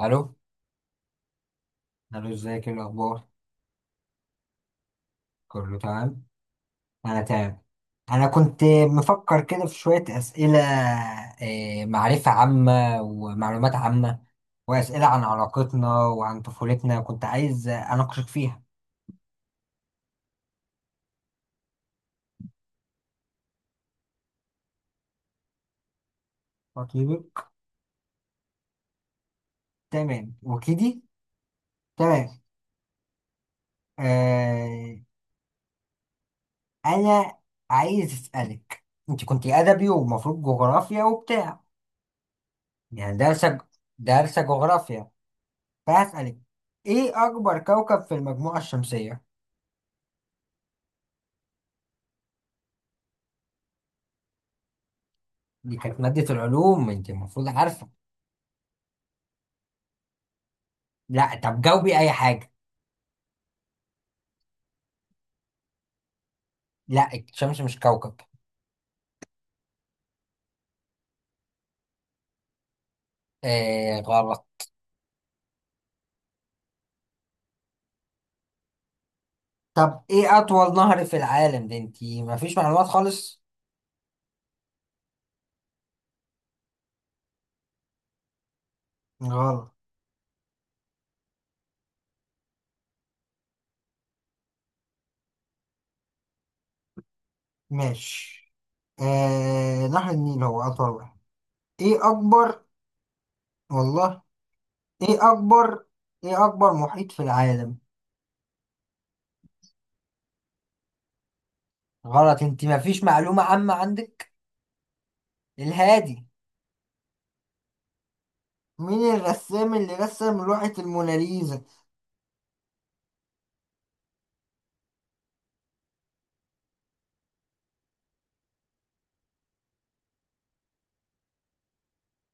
الو. الو، ازيك، ايه الاخبار؟ كله تمام. انا تمام. انا كنت مفكر كده في شويه اسئله، معرفه عامه ومعلومات عامه واسئله عن علاقتنا وعن طفولتنا كنت عايز اناقشك فيها. أطيبك. تمام وكدي. تمام. آه. انا عايز اسالك. انت كنت ادبي ومفروض جغرافيا وبتاع، يعني دارسه، دارسه جغرافيا، فهسالك. ايه اكبر كوكب في المجموعه الشمسيه؟ دي كانت مادة العلوم، انت المفروض عارفة. لا، طب جاوبي اي حاجة. لا، الشمس مش كوكب. آه، غلط. طب ايه اطول نهر في العالم؟ ده انت مفيش معلومات خالص. غلط. ماشي. نهر النيل هو أطول واحد. إيه أكبر والله. إيه أكبر إيه أكبر محيط في العالم؟ غلط، انت مفيش معلومة عامة عندك. الهادي. مين الرسام اللي رسم لوحة الموناليزا؟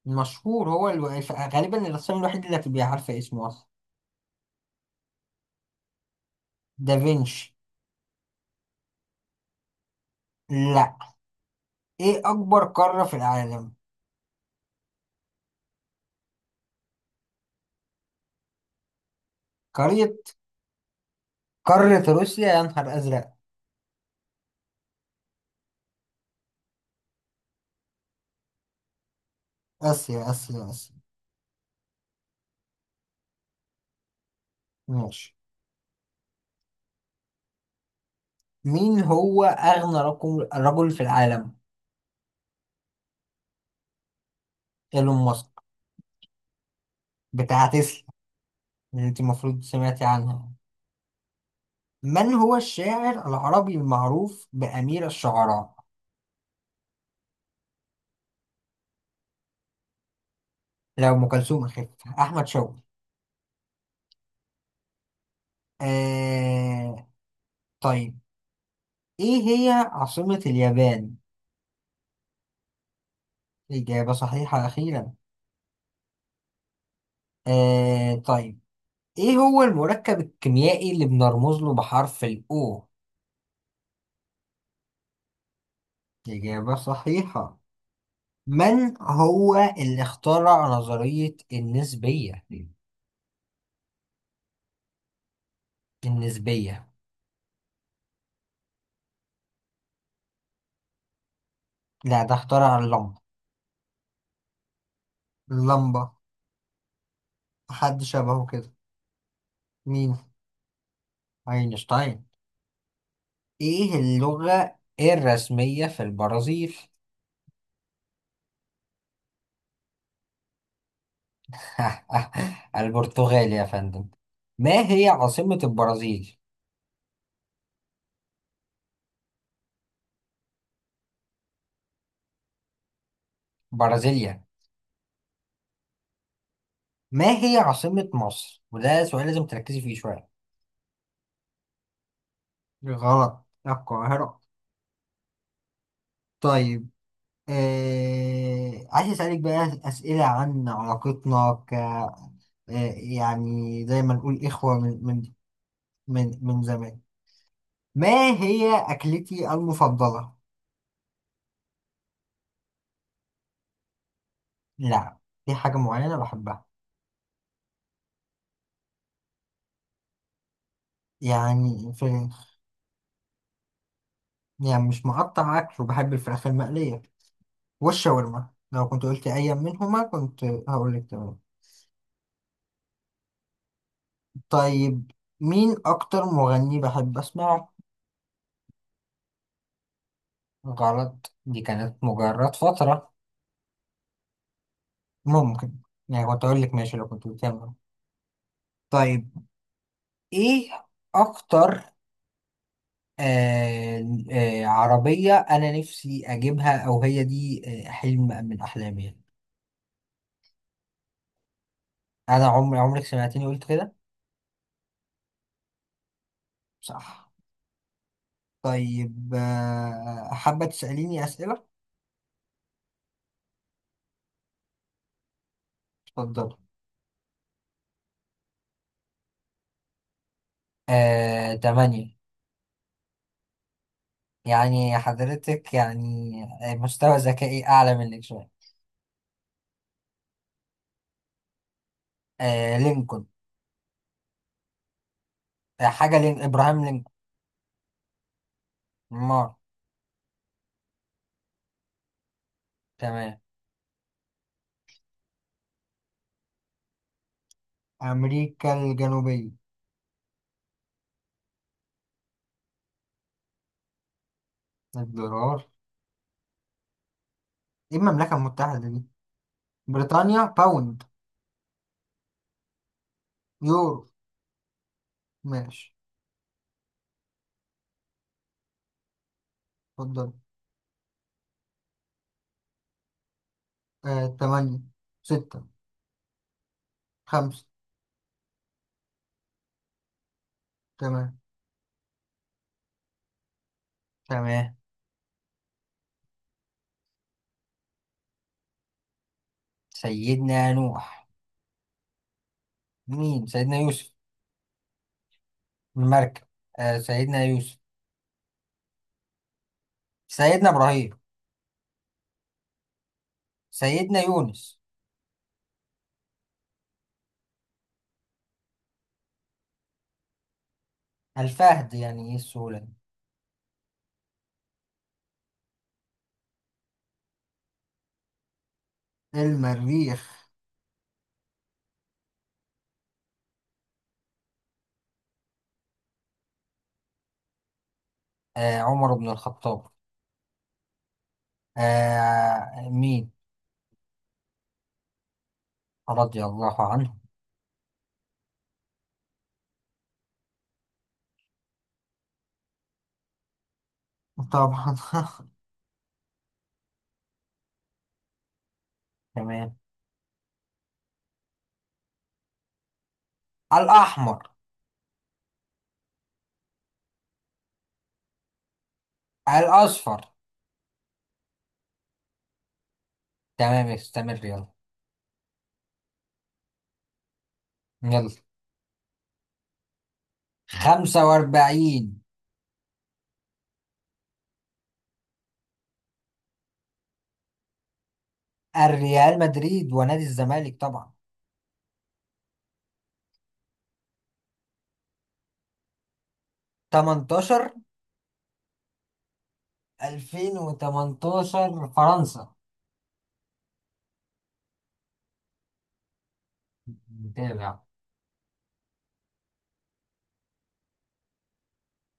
مشهور. هو غالبا الرسام الوحيد اللي هتبقى عارفة اسمه أصلا. دافنشي. لا. إيه أكبر قارة في العالم؟ قارة. قارة روسيا؟ يا نهار أزرق. آسيا، آسيا، آسيا. ماشي. مين هو أغنى رقم رجل في العالم؟ إيلون ماسك، بتاع تسلا اللي أنت المفروض سمعتي عنها. من هو الشاعر العربي المعروف بأمير الشعراء؟ لو أم كلثوم أخف. أحمد شوقي. آه... طيب. إيه هي عاصمة اليابان؟ إجابة صحيحة أخيرا. طيب. إيه هو المركب الكيميائي اللي بنرمز له بحرف الأو؟ إجابة صحيحة. من هو اللي اخترع نظرية النسبية؟ النسبية. لا، ده اخترع اللمبة. اللمبة. حد شبهه كده. مين؟ أينشتاين. إيه اللغة الرسمية في البرازيل؟ البرتغال يا فندم. ما هي عاصمة البرازيل؟ برازيليا. ما هي عاصمة مصر؟ وده سؤال لازم تركزي فيه شوية. غلط، القاهرة. طيب. عايز أسألك بقى أسئلة عن علاقتنا يعني زي ما نقول إخوة من زمان. ما هي أكلتي المفضلة؟ لا، دي حاجة معينة بحبها. يعني فراخ. يعني مش مقطع أكل، وبحب الفراخ المقلية والشاورما، لو كنت قلت أي منهما كنت هقول لك. طيب. مين أكتر مغني بحب أسمعه؟ غلط، دي كانت مجرد فترة. ممكن. يعني كنت أقول لك ماشي لو كنت بتكمل. طيب. إيه أكتر. آه عربية أنا نفسي أجيبها، أو هي دي. حلم من أحلامي يعني. أنا عمري عمرك سمعتني قلت كده؟ صح. طيب، حابة تسأليني أسئلة؟ اتفضل. تمانية. يعني حضرتك يعني، مستوى ذكائي أعلى منك شوية. لينكولن. حاجة إبراهام لينكولن. مار. تمام. أمريكا الجنوبية. الدولار. إيه المملكة المتحدة دي؟ بريطانيا، باوند. يورو. ماشي. اتفضل. تمانية. ستة. خمسة. تمام. تمام. سيدنا نوح. مين؟ سيدنا يوسف. المركب. سيدنا يوسف. سيدنا إبراهيم. سيدنا يونس. الفهد، يعني إيه السهولة دي؟ المريخ. عمر بن الخطاب. مين؟ رضي الله عنه. طبعا. تمام. الأحمر. الأصفر. تمام، استمر، يلا. يلا. 45. الريال مدريد ونادي الزمالك طبعا. 18 2018، فرنسا. متابع.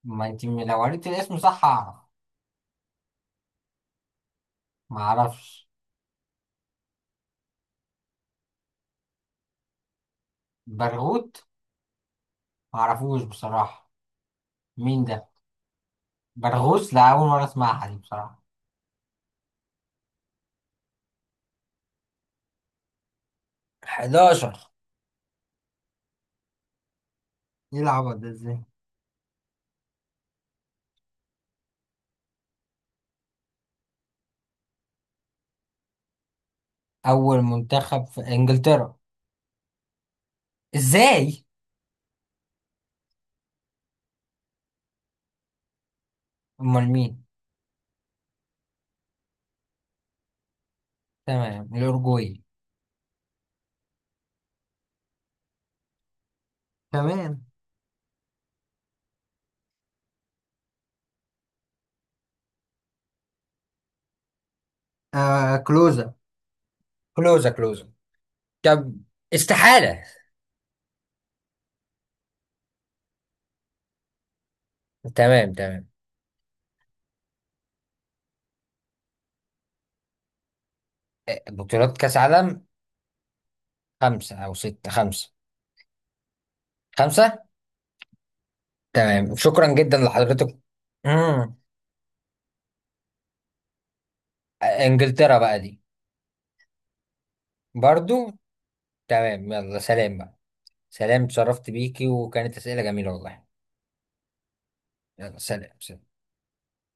ما انت لو قريت الاسم صح هعرف. ما اعرفش. برغوت. ما اعرفوش بصراحة. مين ده؟ برغوث؟ لا، أول مرة أسمعها دي بصراحة. 11. يلعب ده ازاي؟ أول منتخب في إنجلترا. ازاي؟ امال مين؟ تمام، الاورجواي. كمان. كلوزا، كلوزا، كلوزا. طب استحالة. تمام. تمام. بطولات كأس عالم. خمسة أو ستة. خمسة. خمسة. تمام، شكرا جدا لحضرتك. مم. إنجلترا بقى دي. برضو. تمام، يلا سلام بقى. سلام، اتشرفت بيكي وكانت أسئلة جميلة والله. يلا، سلام، سلام.